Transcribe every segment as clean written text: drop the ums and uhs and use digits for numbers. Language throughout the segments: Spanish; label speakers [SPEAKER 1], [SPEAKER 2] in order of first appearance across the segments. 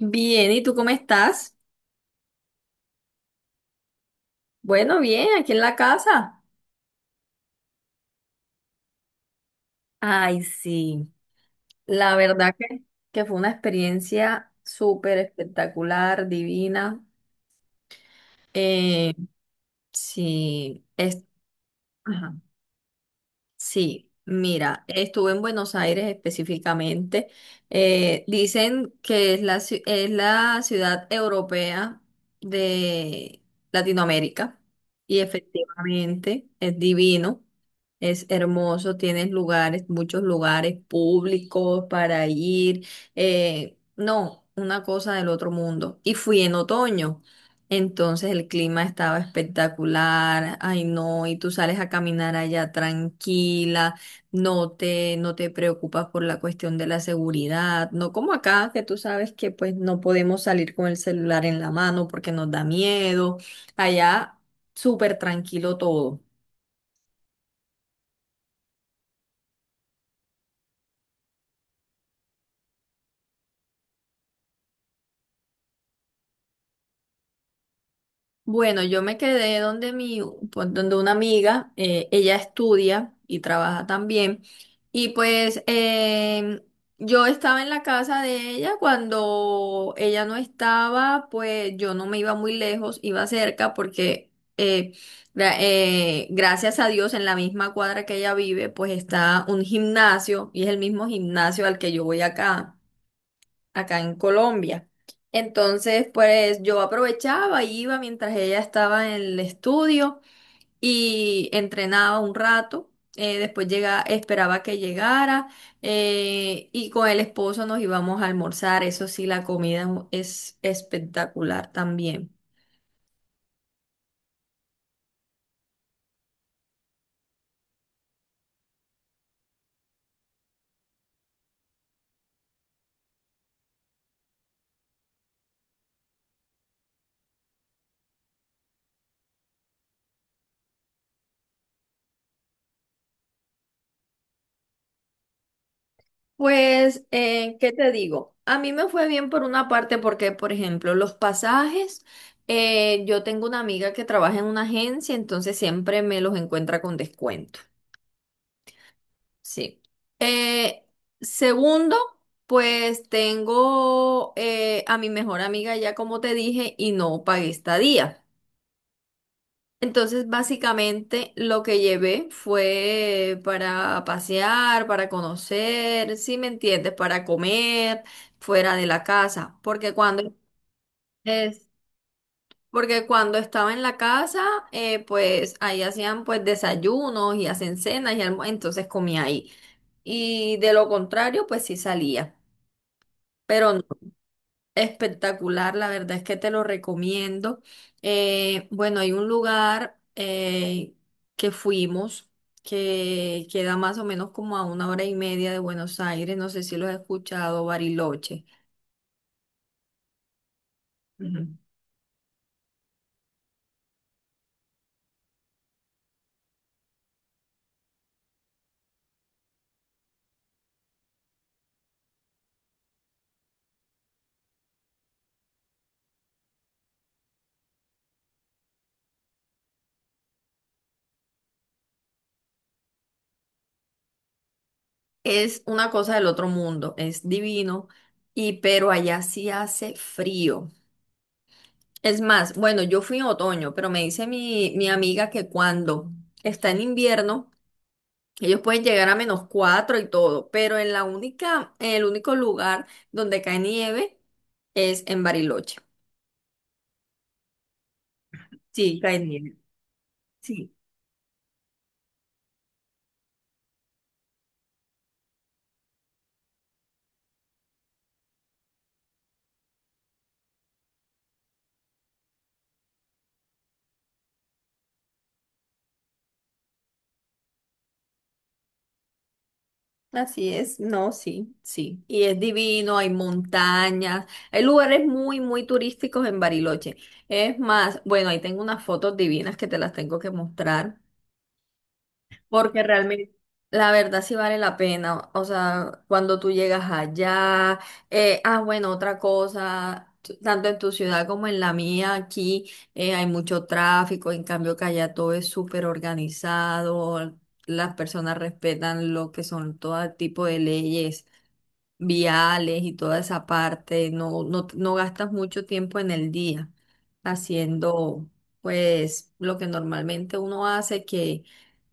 [SPEAKER 1] Bien, ¿y tú cómo estás? Bueno, bien, aquí en la casa. Ay, sí. La verdad que, que fue una experiencia súper espectacular, divina. Eh, sí, es, ajá. Sí, mira, estuve en Buenos Aires específicamente. Dicen que es es la ciudad europea de Latinoamérica y efectivamente es divino, es hermoso, tienes lugares, muchos lugares públicos para ir. No, una cosa del otro mundo. Y fui en otoño. Entonces el clima estaba espectacular, ay no, y tú sales a caminar allá tranquila, no te preocupas por la cuestión de la seguridad, no como acá que tú sabes que pues no podemos salir con el celular en la mano porque nos da miedo, allá súper tranquilo todo. Bueno, yo me quedé donde mi, pues, donde una amiga, ella estudia y trabaja también. Y pues yo estaba en la casa de ella cuando ella no estaba, pues yo no me iba muy lejos, iba cerca porque eh, gracias a Dios en la misma cuadra que ella vive, pues está un gimnasio y es el mismo gimnasio al que yo voy acá en Colombia. Entonces, pues yo aprovechaba, iba mientras ella estaba en el estudio y entrenaba un rato. Después llega, esperaba que llegara y con el esposo nos íbamos a almorzar. Eso sí, la comida es espectacular también. Pues, ¿qué te digo? A mí me fue bien por una parte porque, por ejemplo, los pasajes, yo tengo una amiga que trabaja en una agencia, entonces siempre me los encuentra con descuento. Sí. Eh, Segundo, pues tengo a mi mejor amiga ya como te dije y no pagué estadía. Entonces, básicamente lo que llevé fue para pasear, para conocer, si me entiendes, para comer fuera de la casa, es porque cuando estaba en la casa, pues ahí hacían pues desayunos y hacen cenas y entonces comía ahí. Y de lo contrario, pues sí salía. Pero no, espectacular, la verdad es que te lo recomiendo. Bueno, hay un lugar que fuimos que queda más o menos como a 1 hora y media de Buenos Aires, no sé si lo has escuchado, Bariloche. Ujú. Es una cosa del otro mundo, es divino, y pero allá sí hace frío. Es más, bueno, yo fui en otoño, pero me dice mi amiga que cuando está en invierno, ellos pueden llegar a -4 y todo, pero en el único lugar donde cae nieve es en Bariloche. Sí, cae nieve. Sí. Así es, no, sí, sí. Y es divino, hay montañas, hay lugares muy, muy turísticos en Bariloche. Es más, bueno, ahí tengo unas fotos divinas que te las tengo que mostrar, porque realmente, la verdad sí vale la pena. O sea, cuando tú llegas allá, bueno, otra cosa, tanto en tu ciudad como en la mía, aquí hay mucho tráfico, en cambio que allá todo es súper organizado. Las personas respetan lo que son todo tipo de leyes viales y toda esa parte, no gastas mucho tiempo en el día haciendo pues lo que normalmente uno hace,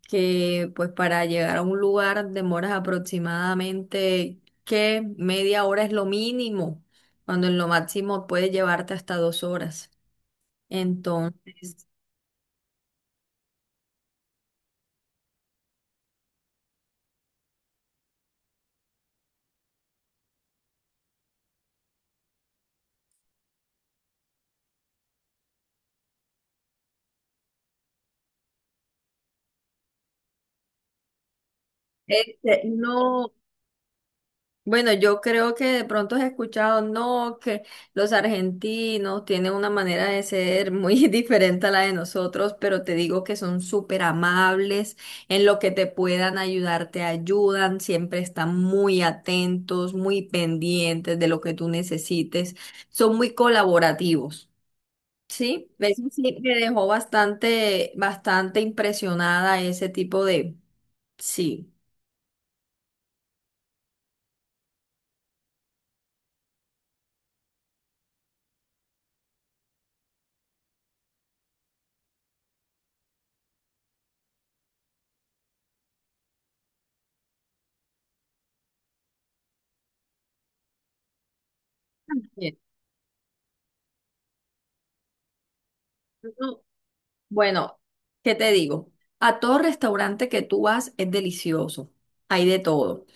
[SPEAKER 1] que pues para llegar a un lugar demoras aproximadamente que 1/2 hora es lo mínimo, cuando en lo máximo puede llevarte hasta 2 horas. Entonces, no. Bueno, yo creo que de pronto has escuchado, no, que los argentinos tienen una manera de ser muy diferente a la de nosotros, pero te digo que son súper amables, en lo que te puedan ayudar, te ayudan, siempre están muy atentos, muy pendientes de lo que tú necesites, son muy colaborativos. Sí, eso sí me dejó bastante, bastante impresionada ese tipo de, sí. Bien. Bueno, ¿qué te digo? A todo restaurante que tú vas es delicioso, hay de todo.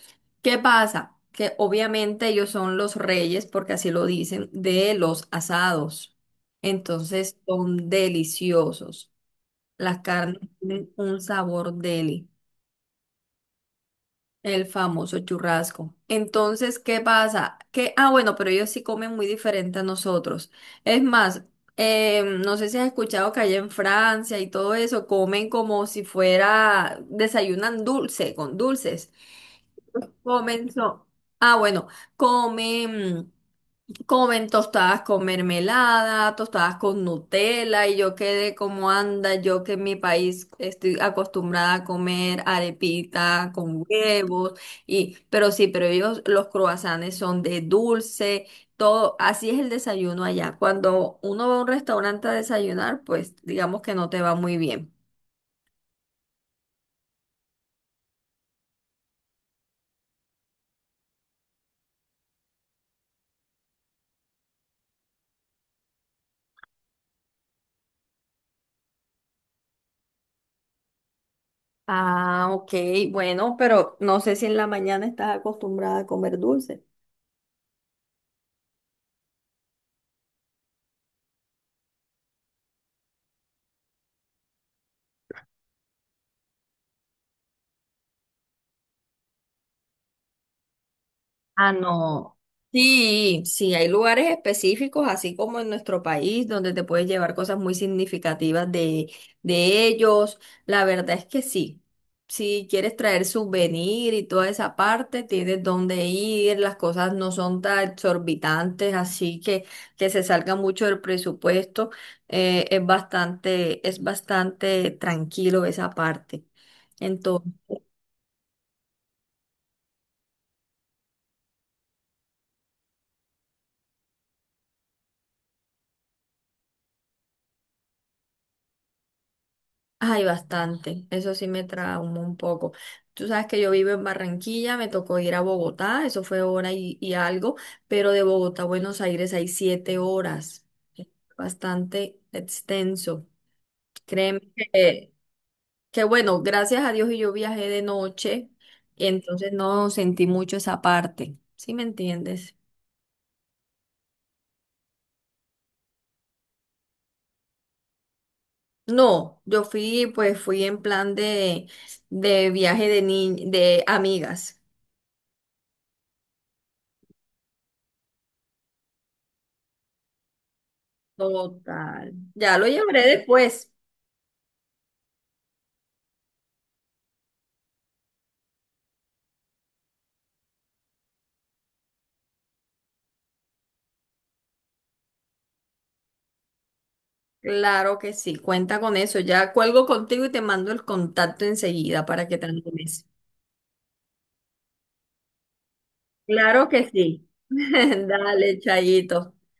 [SPEAKER 1] ¿Qué pasa? Que obviamente ellos son los reyes, porque así lo dicen, de los asados. Entonces son deliciosos. Las carnes tienen un sabor deli. El famoso churrasco. Entonces, ¿qué pasa? Que, ah, bueno, pero ellos sí comen muy diferente a nosotros. Es más, no sé si has escuchado que allá en Francia y todo eso comen como si fuera, desayunan dulce, con dulces. Comen, so- ah, bueno, comen. Comen tostadas con mermelada, tostadas con Nutella, y yo quedé como anda, yo que en mi país estoy acostumbrada a comer arepita con huevos, y, pero sí, pero ellos, los croissants son de dulce, todo, así es el desayuno allá. Cuando uno va a un restaurante a desayunar, pues digamos que no te va muy bien. Ah, ok, bueno, pero no sé si en la mañana estás acostumbrada a comer dulce. Ah, no. Sí, sí, hay lugares específicos, así como en nuestro país, donde te puedes llevar cosas muy significativas de ellos. La verdad es que sí. Si quieres traer souvenir y toda esa parte, tienes dónde ir, las cosas no son tan exorbitantes, así que se salga mucho del presupuesto. Es bastante tranquilo esa parte. Ay, bastante. Eso sí me traumó un poco. Tú sabes que yo vivo en Barranquilla, me tocó ir a Bogotá, eso fue hora y algo, pero de Bogotá a Buenos Aires hay 7 horas. Bastante extenso. Créeme que bueno, gracias a Dios y yo viajé de noche, y entonces no sentí mucho esa parte. ¿Sí me entiendes? No, yo fui, pues fui en plan de viaje de de amigas. Total. Ya lo llevaré después. Claro que sí, cuenta con eso. Ya cuelgo contigo y te mando el contacto enseguida para que te animes. Claro que sí. Dale, Chayito.